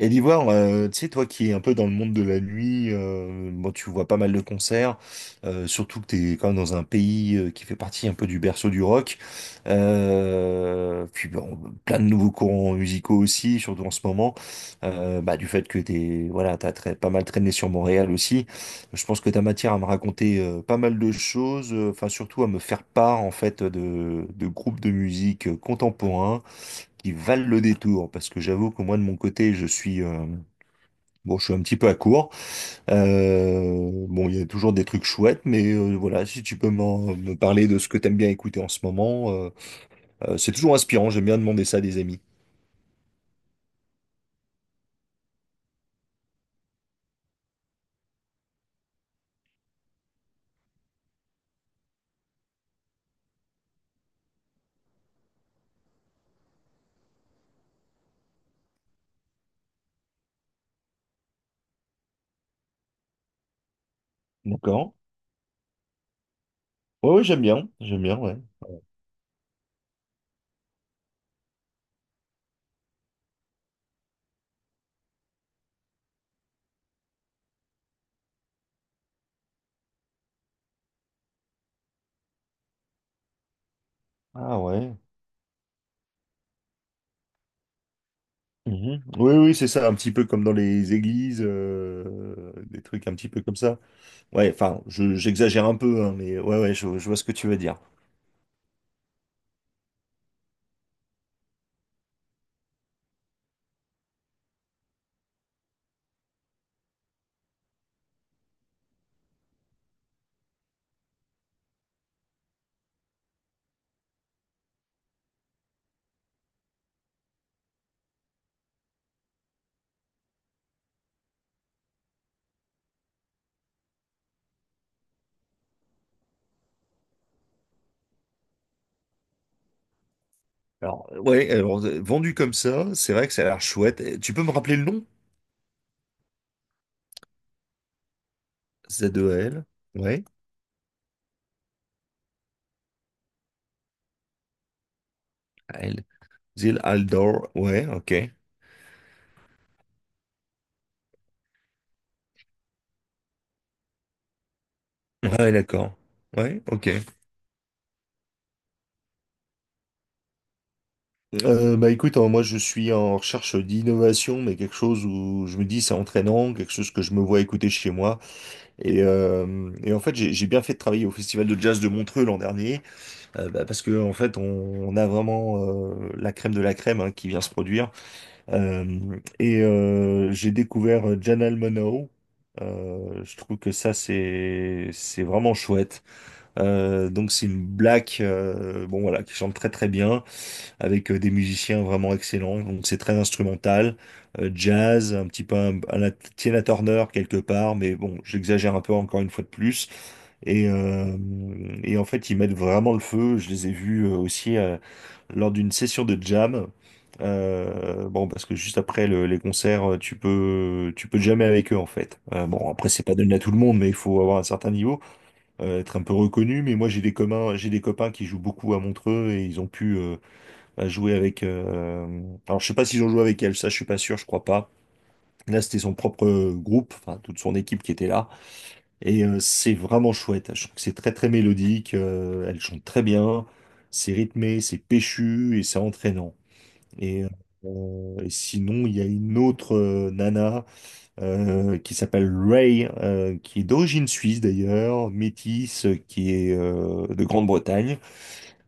Et l'Ivoire, tu sais, toi qui es un peu dans le monde de la nuit, bon, tu vois pas mal de concerts, surtout que t'es quand même dans un pays qui fait partie un peu du berceau du rock. Puis bon, plein de nouveaux courants musicaux aussi, surtout en ce moment. Du fait que t'es, voilà, t'as pas mal traîné sur Montréal aussi. Je pense que t'as matière à me raconter pas mal de choses, enfin surtout à me faire part en fait de groupes de musique contemporains qui valent le détour, parce que j'avoue que moi de mon côté, je suis bon, je suis un petit peu à court. Bon, il y a toujours des trucs chouettes, mais voilà, si tu peux me parler de ce que t'aimes bien écouter en ce moment, c'est toujours inspirant. J'aime bien demander ça à des amis. D'accord. Ouais, ouais, j'aime bien, ouais. Ah ouais. Mhm. Oui, oui, c'est ça, un petit peu comme dans les églises, des trucs un petit peu comme ça. Ouais, enfin, j'exagère un peu, hein, mais ouais, ouais, je vois ce que tu veux dire. Alors, ouais, vendu comme ça, c'est vrai que ça a l'air chouette. Eh, tu peux me rappeler le nom? Z-E-L. Ouais. Al. Zil Aldor. Ouais, ok. Ouais, d'accord. Ouais, ok. Bah écoute, hein, moi je suis en recherche d'innovation, mais quelque chose où je me dis c'est entraînant, quelque chose que je me vois écouter chez moi. Et, en fait, j'ai bien fait de travailler au Festival de jazz de Montreux l'an dernier, parce que en fait, on a vraiment la crème de la crème hein, qui vient se produire. J'ai découvert Janelle Monáe. Je trouve que ça, c'est vraiment chouette. Donc c'est une black, bon voilà, qui chante très très bien, avec des musiciens vraiment excellents. Donc c'est très instrumental, jazz, un petit peu Tina Turner quelque part, mais bon, j'exagère un peu encore une fois de plus. Et, en fait, ils mettent vraiment le feu. Je les ai vus aussi lors d'une session de jam. Bon, parce que juste après les concerts, tu peux jammer avec eux en fait. Bon, après c'est pas donné à tout le monde, mais il faut avoir un certain niveau être un peu reconnu, mais moi j'ai des communs, j'ai des copains qui jouent beaucoup à Montreux et ils ont pu bah, jouer avec. Alors je sais pas s'ils ont joué avec elle, ça je suis pas sûr, je crois pas. Là c'était son propre groupe, enfin toute son équipe qui était là et c'est vraiment chouette. Je trouve que c'est très très mélodique, elle chante très bien, c'est rythmé, c'est péchu et c'est entraînant. Et, sinon il y a une autre nana qui s'appelle Ray, qui est d'origine suisse d'ailleurs, métisse, qui est de Grande-Bretagne,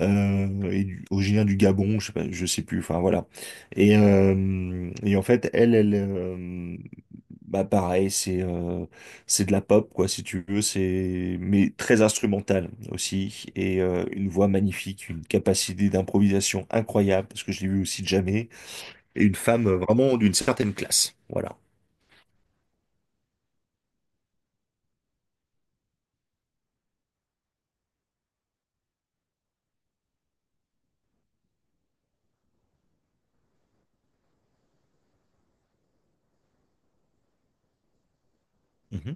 originaire du Gabon, je sais pas, je sais plus, enfin voilà. Et, en fait, elle, bah pareil, c'est de la pop quoi, si tu veux, c'est mais très instrumentale aussi, et une voix magnifique, une capacité d'improvisation incroyable, parce que je l'ai vu aussi de jamais, et une femme vraiment d'une certaine classe, voilà. Mhm,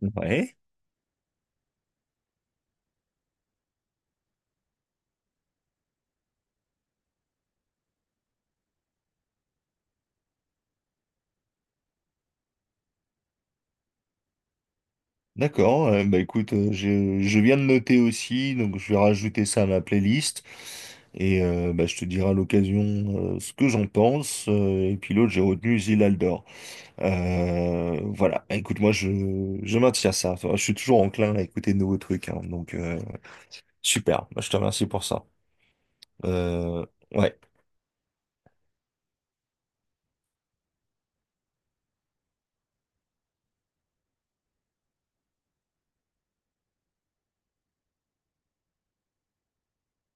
mhm. Ouais. D'accord, bah écoute, je viens de noter aussi, donc je vais rajouter ça à ma playlist et bah, je te dirai à l'occasion ce que j'en pense. Et puis l'autre, j'ai retenu Zilaldor. Voilà, Bah, écoute, moi je maintiens ça. Enfin, je suis toujours enclin à écouter de nouveaux trucs, hein. Donc super, bah, je te remercie pour ça. Euh, ouais,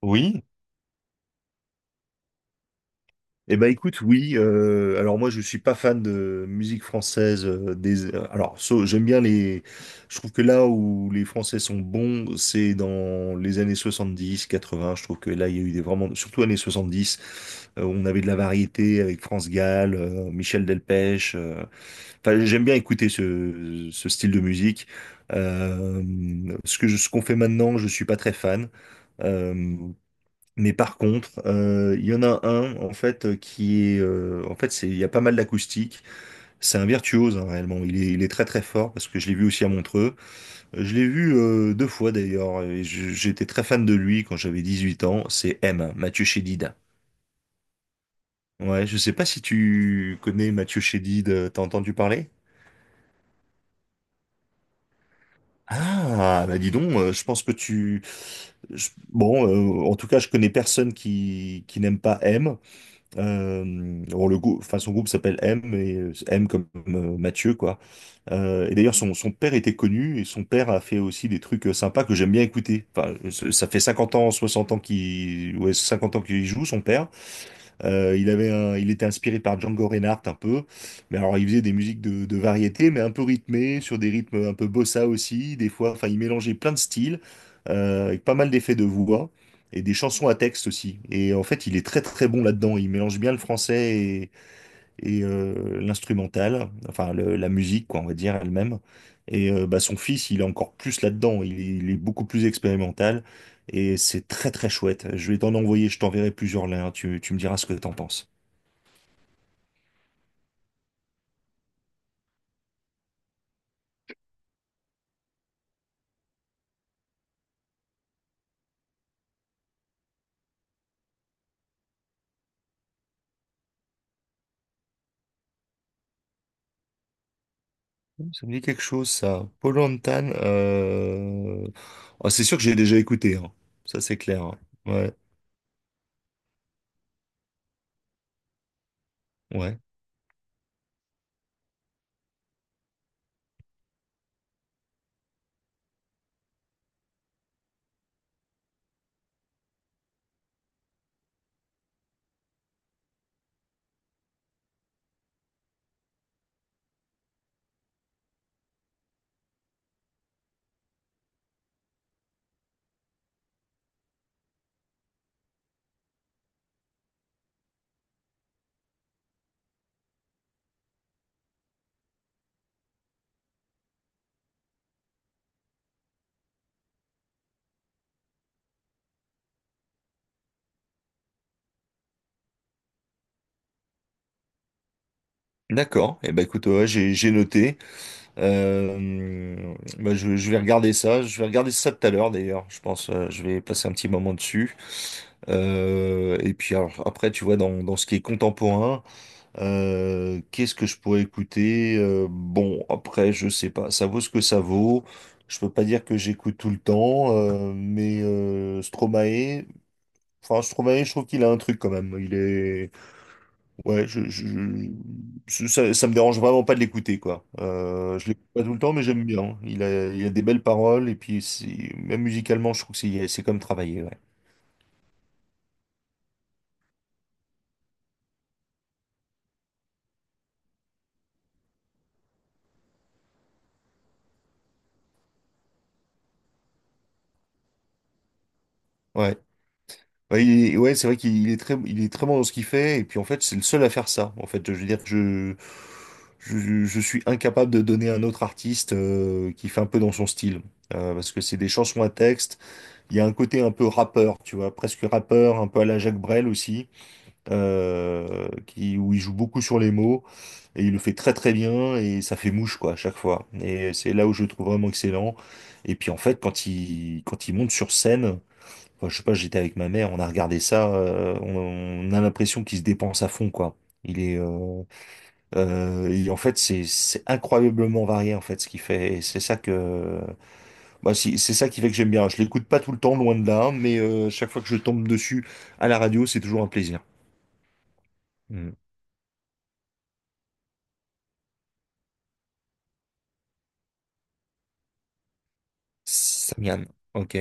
oui. Eh ben écoute, oui. Alors moi, je suis pas fan de musique française. J'aime bien les. Je trouve que là où les Français sont bons, c'est dans les années 70, 80. Je trouve que là, il y a eu des vraiment, surtout années 70, où on avait de la variété avec France Gall, Michel Delpech. Enfin, j'aime bien écouter ce, ce style de musique. Euh, Ce que ce qu'on fait maintenant, je suis pas très fan. Euh, mais par contre, il y en a un en fait qui est, en fait, il y a pas mal d'acoustique. C'est un virtuose hein, réellement. Il est très très fort parce que je l'ai vu aussi à Montreux. Je l'ai vu deux fois d'ailleurs. Et j'étais très fan de lui quand j'avais 18 ans. C'est M, Mathieu Chédid. Ouais, je sais pas si tu connais Mathieu Chédid. T'as entendu parler? Ah, bah dis donc, je pense que tu... bon, en tout cas, je connais personne qui n'aime pas M. Bon, le groupe, enfin, son groupe s'appelle M, et M comme Mathieu, quoi. Et d'ailleurs, son père était connu, et son père a fait aussi des trucs sympas que j'aime bien écouter. Enfin, ça fait 50 ans, 60 ans qu'il, ouais, 50 ans qu'il joue, son père. Il était inspiré par Django Reinhardt un peu, mais alors il faisait des musiques de variété, mais un peu rythmées, sur des rythmes un peu bossa aussi, des fois, enfin il mélangeait plein de styles, avec pas mal d'effets de voix, et des chansons à texte aussi. Et en fait il est très très bon là-dedans, il mélange bien le français et l'instrumental, enfin la musique, quoi, on va dire elle-même. Et bah, son fils, il est encore plus là-dedans, il est beaucoup plus expérimental et c'est très très chouette. Je vais t'en envoyer, je t'enverrai plusieurs liens, tu me diras ce que t'en penses. Ça me dit quelque chose, ça. Paul Antan, ah, c'est sûr que j'ai déjà écouté, hein. Ça c'est clair. Hein. Ouais, ouais. D'accord. Et eh ben écoute, ouais, j'ai noté. Bah, je vais regarder ça. Je vais regarder ça tout à l'heure d'ailleurs. Je pense, je vais passer un petit moment dessus. Et puis alors, après, tu vois, dans ce qui est contemporain, qu'est-ce que je pourrais écouter? Bon, après, je sais pas. Ça vaut ce que ça vaut. Je peux pas dire que j'écoute tout le temps, Stromae, enfin Stromae, je trouve qu'il a un truc quand même. Il est. Ouais, ça me dérange vraiment pas de l'écouter, quoi. Je l'écoute pas tout le temps, mais j'aime bien. Il a des belles paroles, et puis même musicalement, je trouve que c'est comme travailler, ouais. Ouais, ouais, ouais, c'est vrai qu'il est très, il est très bon dans ce qu'il fait, et puis en fait, c'est le seul à faire ça. En fait, je veux dire, je suis incapable de donner un autre artiste qui fait un peu dans son style. Parce que c'est des chansons à texte, il y a un côté un peu rappeur, tu vois, presque rappeur, un peu à la Jacques Brel aussi. Où il joue beaucoup sur les mots, et il le fait très très bien, et ça fait mouche quoi à chaque fois. Et c'est là où je le trouve vraiment excellent. Et puis en fait, quand il monte sur scène, enfin, je sais pas, j'étais avec ma mère, on a regardé ça, on a l'impression qu'il se dépense à fond quoi. Il est. Et en fait, c'est incroyablement varié en fait ce qu'il fait. Et c'est ça que, c'est ça qui fait que j'aime bien. Je l'écoute pas tout le temps, loin de là, mais chaque fois que je tombe dessus à la radio, c'est toujours un plaisir. Samian. Ok.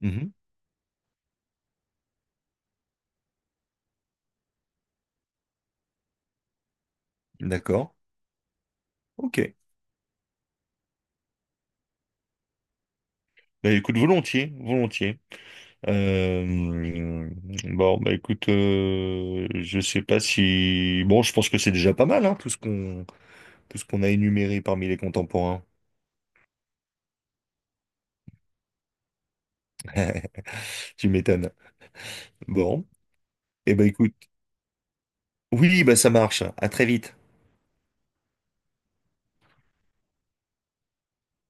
Mhm. D'accord. Ok. Bah écoute, volontiers, volontiers. Euh, bon, bah écoute, je sais pas si. Bon, je pense que c'est déjà pas mal, hein, tout ce qu'on a énuméré parmi les contemporains. Tu m'étonnes. Bon. Eh ben écoute. Oui, bah ça marche. À très vite.